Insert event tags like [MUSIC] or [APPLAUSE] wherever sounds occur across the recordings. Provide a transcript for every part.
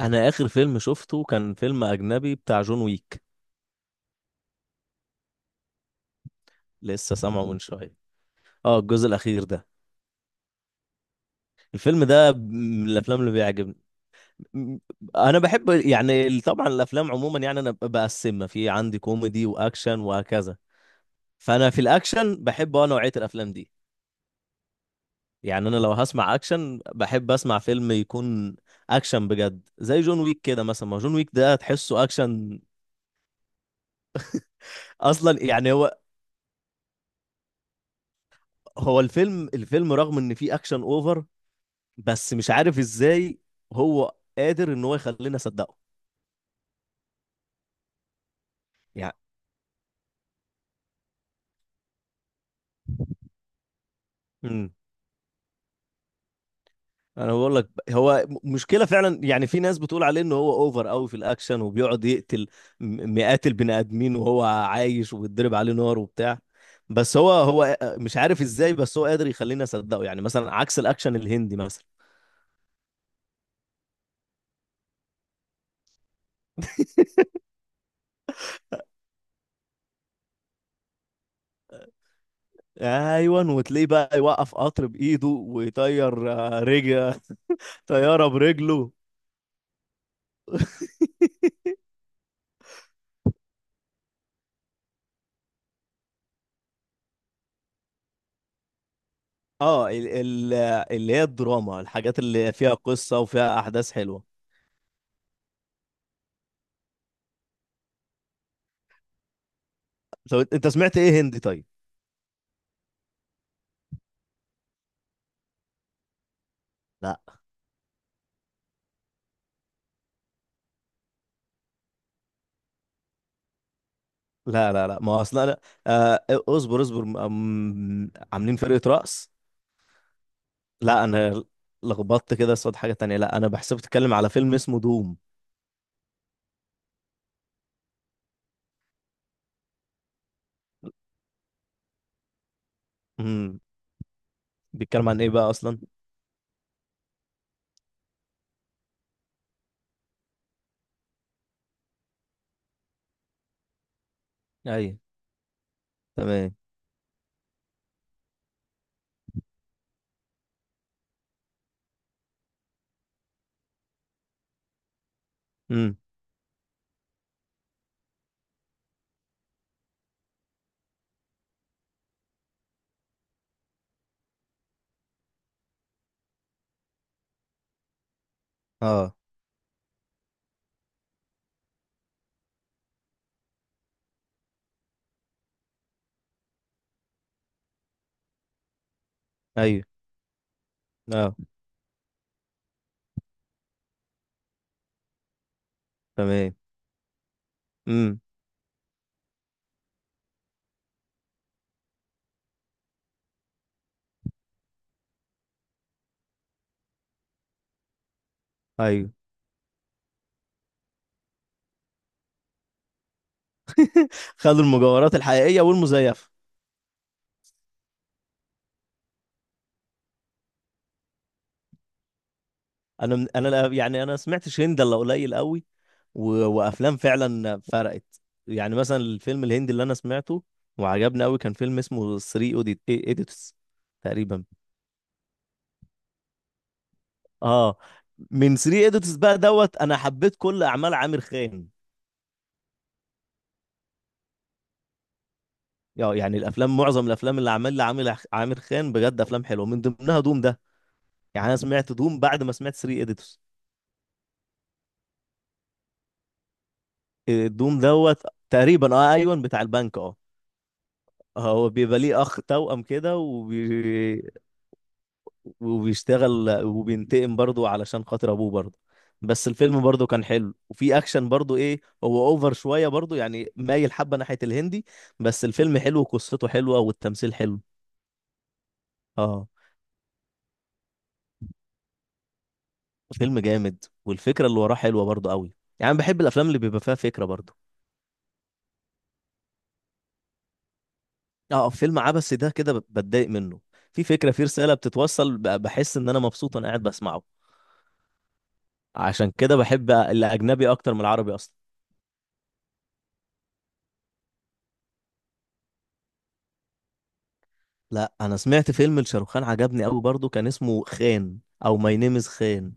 انا اخر فيلم شفته كان فيلم اجنبي بتاع جون ويك. لسه سامعه من شويه. اه، الجزء الاخير ده. الفيلم ده من الافلام اللي بيعجبني. م- انا بحب طبعا الافلام عموما، يعني انا بقسمها في عندي كوميدي واكشن وهكذا. فانا في الاكشن بحب نوعيه الافلام دي. يعني انا لو هسمع اكشن بحب اسمع فيلم يكون اكشن بجد، زي جون ويك كده. مثلا ما جون ويك ده تحسه اكشن اصلا. يعني هو الفيلم رغم ان فيه اكشن اوفر، بس مش عارف ازاي هو قادر ان هو يخلينا نصدقه يعني. امم انا بقول لك هو مشكله فعلا. يعني في ناس بتقول عليه ان هو اوفر قوي في الاكشن، وبيقعد يقتل مئات البني ادمين وهو عايش وبيتضرب عليه نار وبتاع. بس هو مش عارف ازاي، بس هو قادر يخلينا نصدقه، يعني مثلا عكس الاكشن الهندي مثلا. ايوه، وتلاقيه بقى يوقف قطر بايده ويطير رجل. طياره برجله. اه، ال اللي هي الدراما، الحاجات اللي فيها قصة وفيها أحداث حلوة. طب انت سمعت ايه هندي طيب؟ لا لا لا لا، ما هو اصلا لا. آه اصبر، عاملين فرقة رقص. لا انا لخبطت كده، صوت حاجة تانية، لا انا بحسب بتتكلم على فيلم اسمه دوم. امم بيتكلم عن ايه بقى اصلا؟ ايوه. تمام. امم. اه، ايوه. اه. تمام. امم. ايوه. خدوا المجوهرات الحقيقية والمزيفة. انا من- انا لا- يعني انا سمعتش هند الا قليل قوي. و... وافلام فعلا فرقت. يعني مثلا الفيلم الهندي اللي انا سمعته وعجبني قوي كان فيلم اسمه 3 اوديت ايديتس تقريبا. اه، من 3 ايديتس بقى دوت انا حبيت كل اعمال عامر خان. يعني معظم الافلام اللي عملها عامر خان بجد افلام حلوه، من ضمنها دوم ده. يعني انا سمعت دوم بعد ما سمعت 3 ايديتس. آه، دوم دوت. تقريبا اه ايوه، بتاع البنك اه. هو بيبقى ليه اخ توأم كده وبيشتغل وبينتقم برضه علشان خاطر ابوه برضه. بس الفيلم برضه كان حلو، وفي اكشن برضه، ايه هو اوفر شويه برضه يعني، مايل حبه ناحيه الهندي. بس الفيلم حلو وقصته حلوه والتمثيل حلو. اه، فيلم جامد والفكره اللي وراه حلوه برضه قوي. يعني أنا بحب الافلام اللي بيبقى فيها فكره برضه. اه، فيلم عبثي ده كده بتضايق منه. في فكره، في رساله بتتوصل، بحس ان انا مبسوط وانا قاعد بسمعه. عشان كده بحب الاجنبي اكتر من العربي اصلا. لا انا سمعت فيلم لشاروخان عجبني قوي برضو، كان اسمه خان او ماي نيم از خان.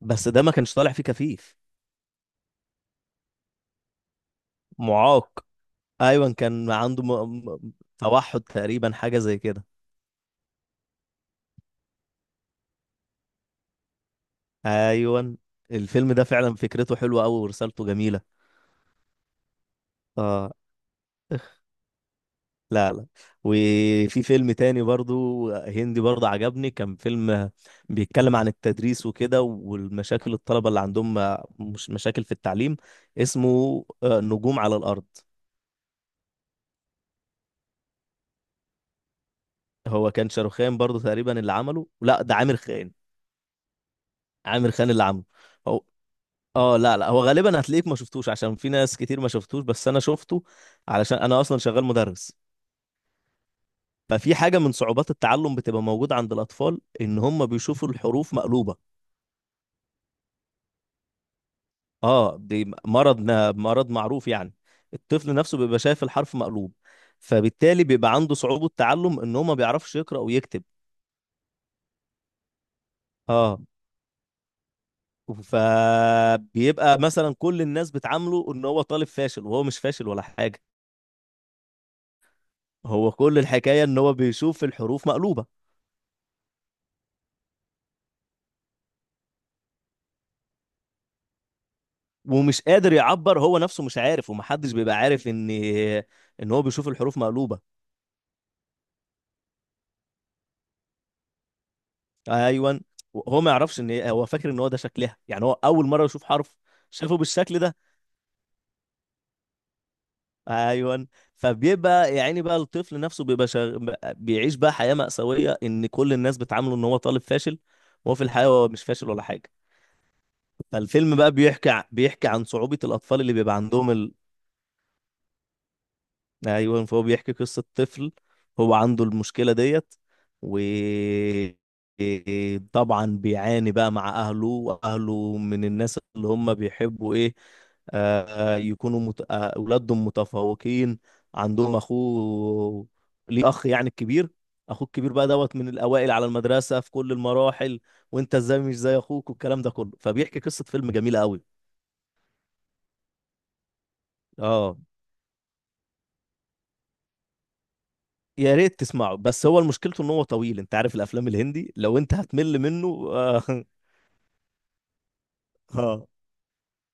بس ده ما كانش طالع فيه كفيف. معاق. ايوه، كان عنده توحد تقريبا، حاجه زي كده. ايوه. الفيلم ده فعلا فكرته حلوه قوي ورسالته جميله. اه. لا لا. وفي فيلم تاني برضو هندي برضو عجبني، كان فيلم بيتكلم عن التدريس وكده والمشاكل الطلبة اللي عندهم، مش مشاكل في التعليم. اسمه نجوم على الأرض. هو كان شاروخان برضو تقريبا اللي عمله، لا ده عامر خان. عامر خان اللي عمله. هو اه، لا لا، هو غالبا هتلاقيك ما شفتوش، عشان في ناس كتير ما شفتوش، بس انا شفته علشان انا اصلا شغال مدرس. ففي حاجة من صعوبات التعلم بتبقى موجودة عند الأطفال، إن هم بيشوفوا الحروف مقلوبة. اه، دي مرض، مرض معروف يعني. الطفل نفسه بيبقى شايف الحرف مقلوب، فبالتالي بيبقى عنده صعوبة تعلم، إن هو ما بيعرفش يقرأ ويكتب. اه. فبيبقى مثلا كل الناس بتعامله ان هو طالب فاشل، وهو مش فاشل ولا حاجه. هو كل الحكايه ان هو بيشوف الحروف مقلوبه، ومش قادر يعبر، هو نفسه مش عارف، ومحدش بيبقى عارف ان هو بيشوف الحروف مقلوبه. ايوه. هو ما يعرفش، ان هو فاكر ان هو ده شكلها، يعني هو اول مره يشوف حرف شافه بالشكل ده. ايوه. فبيبقى يعني بقى الطفل نفسه بيعيش بقى حياه مأساويه، ان كل الناس بتعامله ان هو طالب فاشل، وهو في الحقيقه هو مش فاشل ولا حاجه. فالفيلم بقى بيحكي عن صعوبة الأطفال اللي بيبقى عندهم أيوة. فهو بيحكي قصة طفل هو عنده المشكلة ديت، و [HESITATION] طبعا بيعاني بقى مع أهله، وأهله من الناس اللي هم بيحبوا إيه، آه، أولادهم متفوقين. عندهم أخوه، ليه أخ يعني الكبير. أخوه الكبير بقى دوت من الأوائل على المدرسة في كل المراحل. وأنت إزاي مش زي أخوك، والكلام ده كله. فبيحكي قصة فيلم جميلة أوي. اه. يا ريت تسمعه، بس هو مشكلته ان هو طويل. انت عارف الافلام الهندي، لو انت هتمل منه اه, [LAUGHS] آه.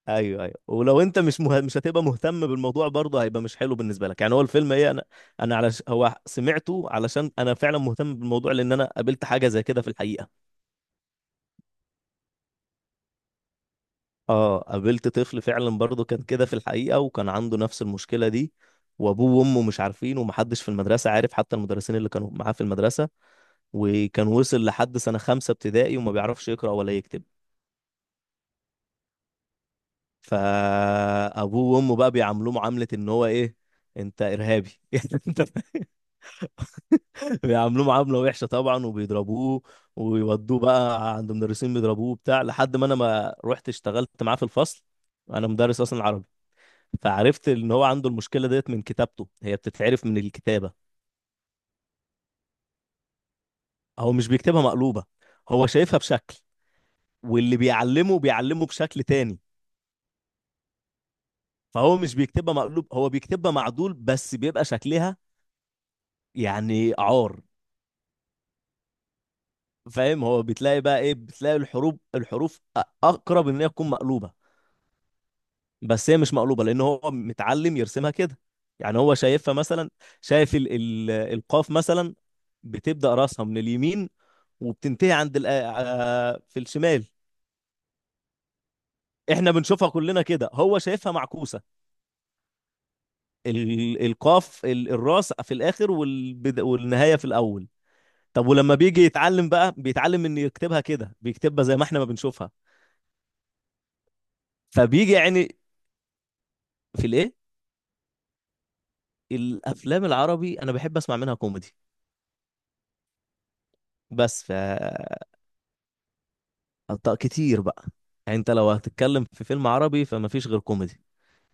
ايوه ايوه، ولو انت مش هتبقى مهتم بالموضوع برضه، هيبقى مش حلو بالنسبه لك يعني. هو الفيلم ايه، انا على هو سمعته علشان انا فعلا مهتم بالموضوع، لان انا قابلت حاجه زي كده في الحقيقه. اه، قابلت طفل فعلا برضه كان كده في الحقيقه، وكان عنده نفس المشكله دي. وابوه وامه مش عارفين، ومحدش في المدرسه عارف، حتى المدرسين اللي كانوا معاه في المدرسه. وكان وصل لحد سنه خمسه ابتدائي وما بيعرفش يقرا ولا يكتب. فابوه وامه بقى بيعاملوه معامله ان هو ايه، انت ارهابي [LAUGHS] يعني انت. بيعاملوه معامله وحشه طبعا وبيضربوه، ويودوه بقى عند مدرسين بيضربوه بتاع، لحد ما انا ما رحت اشتغلت معاه في الفصل. انا مدرس اصلا عربي، فعرفت ان هو عنده المشكله ديت من كتابته، هي بتتعرف من الكتابه. هو مش بيكتبها مقلوبه، هو شايفها بشكل واللي بيعلمه بيعلمه بشكل تاني. فهو مش بيكتبها مقلوب، هو بيكتبها معدول، بس بيبقى شكلها يعني فاهم. هو بتلاقي بقى ايه، بتلاقي الحروف اقرب ان هي تكون مقلوبه، بس هي مش مقلوبه لان هو متعلم يرسمها كده. يعني هو شايفها مثلا، شايف ال القاف مثلا بتبدا راسها من اليمين، وبتنتهي عند ال في الشمال. احنا بنشوفها كلنا كده، هو شايفها معكوسه. ال القاف الراس في الاخر، والبد والنهايه في الاول. طب ولما بيجي يتعلم بقى، بيتعلم ان يكتبها كده، بيكتبها زي ما احنا ما بنشوفها. فبيجي يعني في الايه، الافلام العربي انا بحب اسمع منها كوميدي. بس ف كتير بقى. يعني انت لو هتتكلم في فيلم عربي فما فيش غير كوميدي.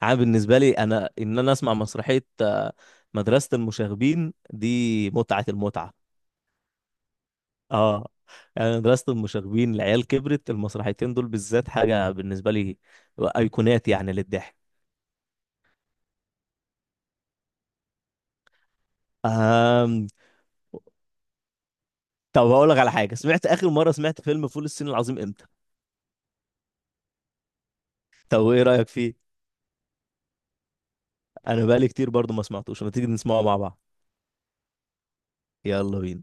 عام بالنسبه لي انا، ان انا اسمع مسرحيه مدرسه المشاغبين دي متعه المتعه. اه. يعني مدرسه المشاغبين، العيال كبرت، المسرحيتين دول بالذات حاجه بالنسبه لي، ايقونات يعني للضحك. آم... طب هقول لك على حاجه، سمعت اخر مره سمعت فيلم فول الصين العظيم امتى؟ طب ايه رايك فيه؟ انا بقالي كتير برضو ما سمعتوش، ما تيجي نسمعه مع بعض. يلا بينا.